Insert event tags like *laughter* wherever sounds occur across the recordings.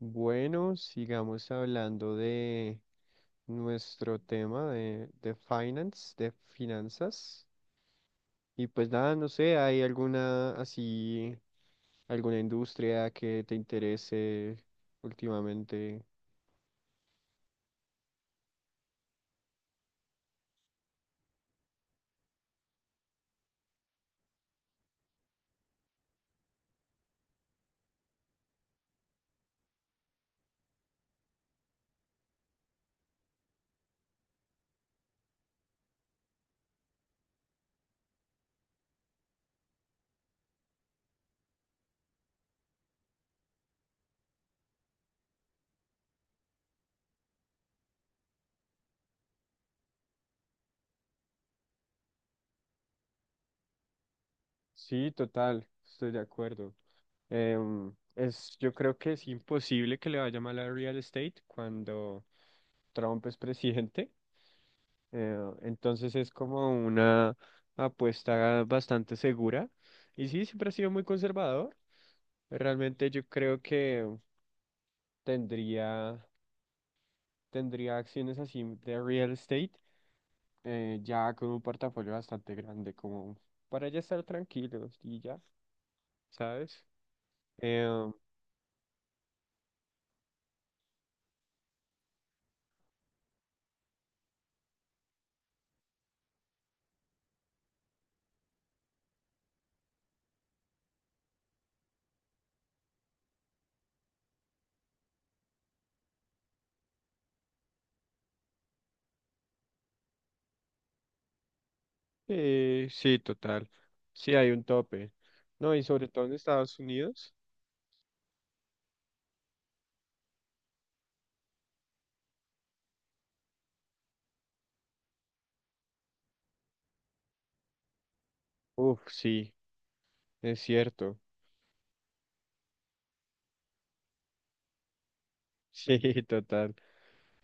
Bueno, sigamos hablando de nuestro tema de finance, de finanzas. Y pues nada, no sé, ¿hay alguna así, alguna industria que te interese últimamente? Sí, total, estoy de acuerdo. Es, yo creo que es imposible que le vaya mal a real estate cuando Trump es presidente. Eh, entonces es como una apuesta bastante segura. Y sí, siempre ha sido muy conservador. Realmente yo creo que tendría, tendría acciones así de real estate, ya con un portafolio bastante grande, como para ya estar tranquilos y ya, ¿sabes? Eh, sí, total. Sí, hay un tope. No, y sobre todo en Estados Unidos. Uf, sí, es cierto. *laughs* Sí, total.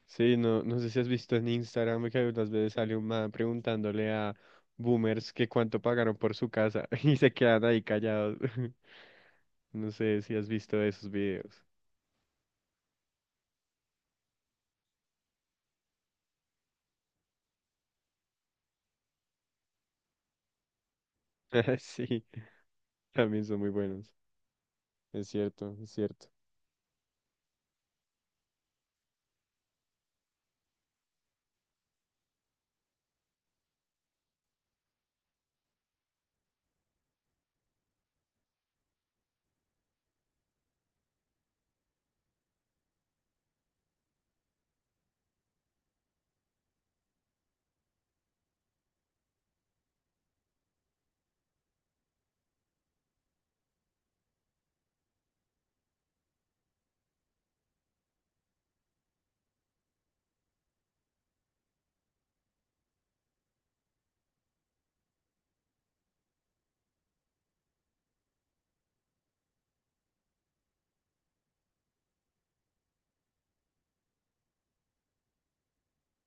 Sí, no, no sé si has visto en Instagram que algunas veces sale un man preguntándole a boomers que cuánto pagaron por su casa *laughs* y se quedan ahí callados. *laughs* No sé si has visto esos videos. *laughs* Sí, también son muy buenos. Es cierto, es cierto.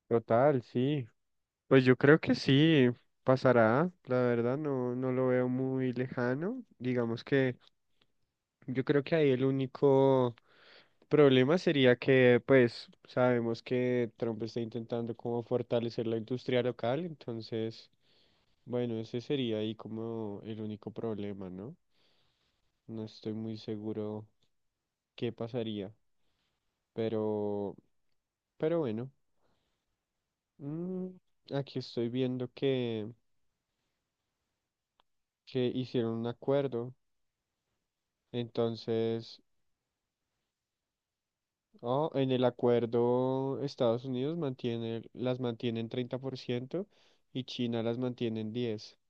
Total, sí. Pues yo creo que sí pasará, la verdad no, no lo veo muy lejano. Digamos que yo creo que ahí el único problema sería que pues sabemos que Trump está intentando como fortalecer la industria local, entonces bueno, ese sería ahí como el único problema, ¿no? No estoy muy seguro qué pasaría, pero, pero bueno, mm, aquí estoy viendo que hicieron un acuerdo. Entonces, oh, en el acuerdo Estados Unidos mantiene, las mantiene en 30% y China las mantiene en 10%.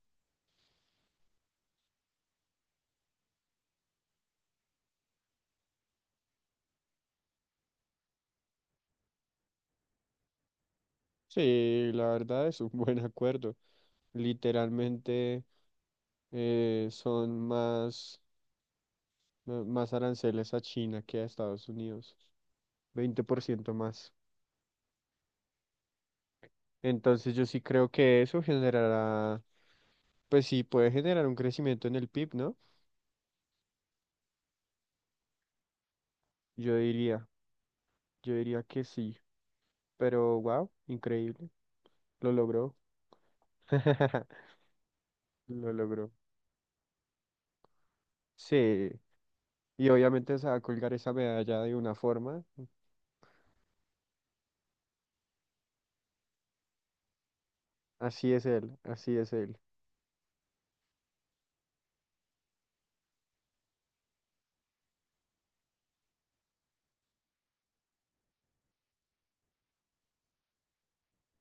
Sí, la verdad es un *laughs* buen acuerdo. Literalmente eh, son más, más aranceles a China que a Estados Unidos, 20% más. Entonces yo sí creo que eso generará, pues sí, puede generar un crecimiento en el PIB, ¿no? Yo diría, yo diría que sí. Pero wow, increíble. Lo logró. *laughs* Lo logró. Sí. Y obviamente se va a colgar esa medalla de una forma. Así es él, así es él.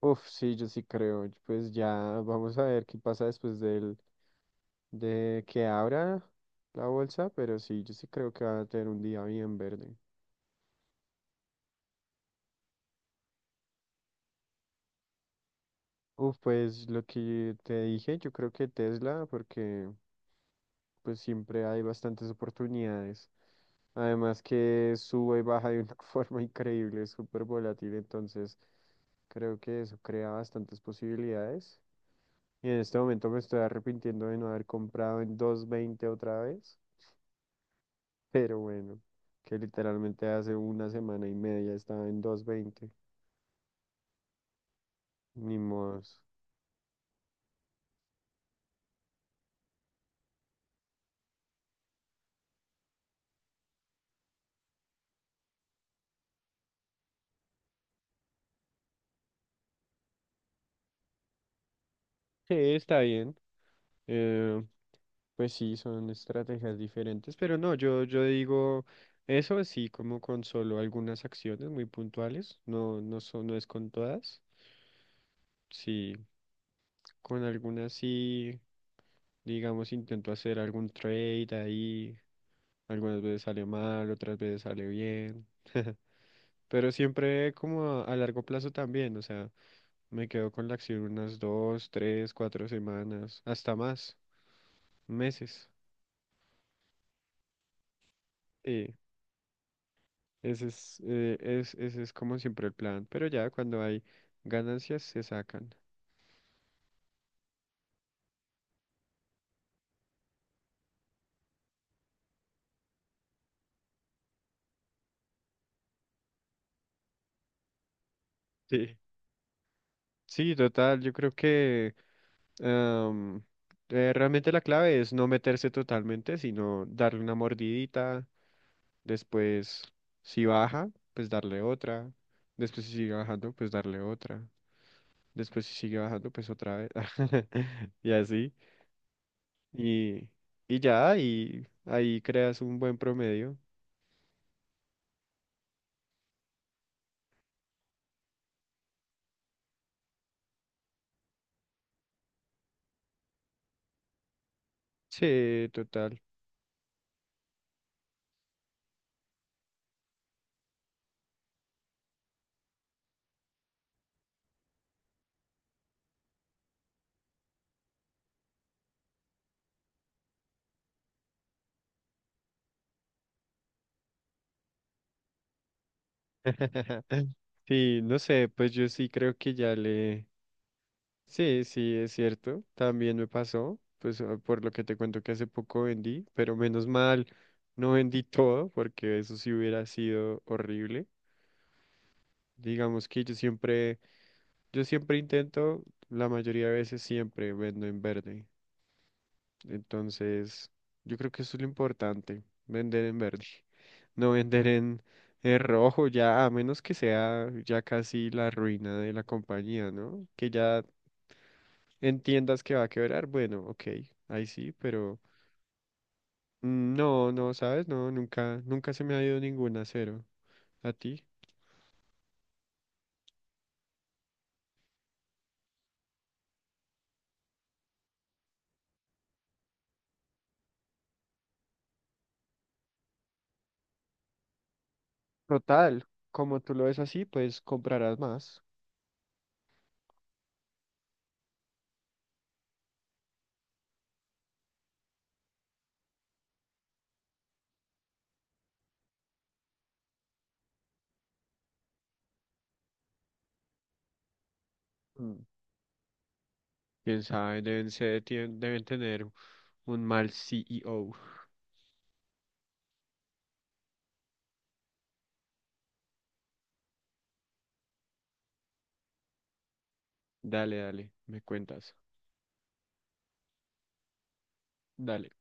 Uf, sí, yo sí creo. Pues ya vamos a ver qué pasa después de que abra la bolsa, pero sí, yo sí creo que va a tener un día bien verde. Uf, pues lo que te dije, yo creo que Tesla, porque pues siempre hay bastantes oportunidades. Además que sube y baja de una *laughs* forma increíble, es súper volátil, entonces creo que eso crea bastantes posibilidades. Y en este momento me estoy arrepintiendo de no haber comprado en dos veinte otra vez, pero bueno, que literalmente hace una semana y media estaba en 2.20, ni modos. Sí, está bien. eh, pues sí, son estrategias diferentes, pero no, yo digo eso así como con solo algunas acciones muy puntuales, no, no, son, no es con todas. Sí, con algunas sí, digamos, intento hacer algún trade ahí. Algunas veces sale mal, otras veces sale bien. Pero siempre como a largo plazo también, o sea, me quedo con la acción unas dos, tres, cuatro semanas, hasta más, meses. Sí, ese es como siempre el plan. Pero ya cuando hay ganancias se sacan. Sí. Sí, total, yo creo que Am, realmente la clave es no meterse totalmente, sino darle una mordidita, después si baja, pues darle otra, después si sigue bajando, pues darle otra, después si sigue bajando, pues otra vez, *laughs* y así, y, y ya, y ahí creas un buen promedio. Sí, total. *laughs* Sí, no sé, pues yo sí creo que ya le... Sí, sí, es cierto. También me pasó, pues ah, por lo que te cuento que hace poco vendí, pero menos mal no vendí todo porque eso sí hubiera sido horrible. Digamos que yo siempre intento, la mayoría de veces siempre vendo en verde. Entonces, yo creo que eso es lo importante, vender en verde. *laughs* No vender en rojo ya, a menos que sea ya casi la ruina de la compañía, ¿no? Que ya entiendas que va a quebrar, bueno, ok, ahí sí, pero no, no, ¿sabes? No, nunca se me ha ido ninguna a cero. ¿A ti? Total, como tú lo ves así, pues comprarás más. Mm. Quién sabe, deben tener un mal CEO. Dale, dale, me cuentas. Dale.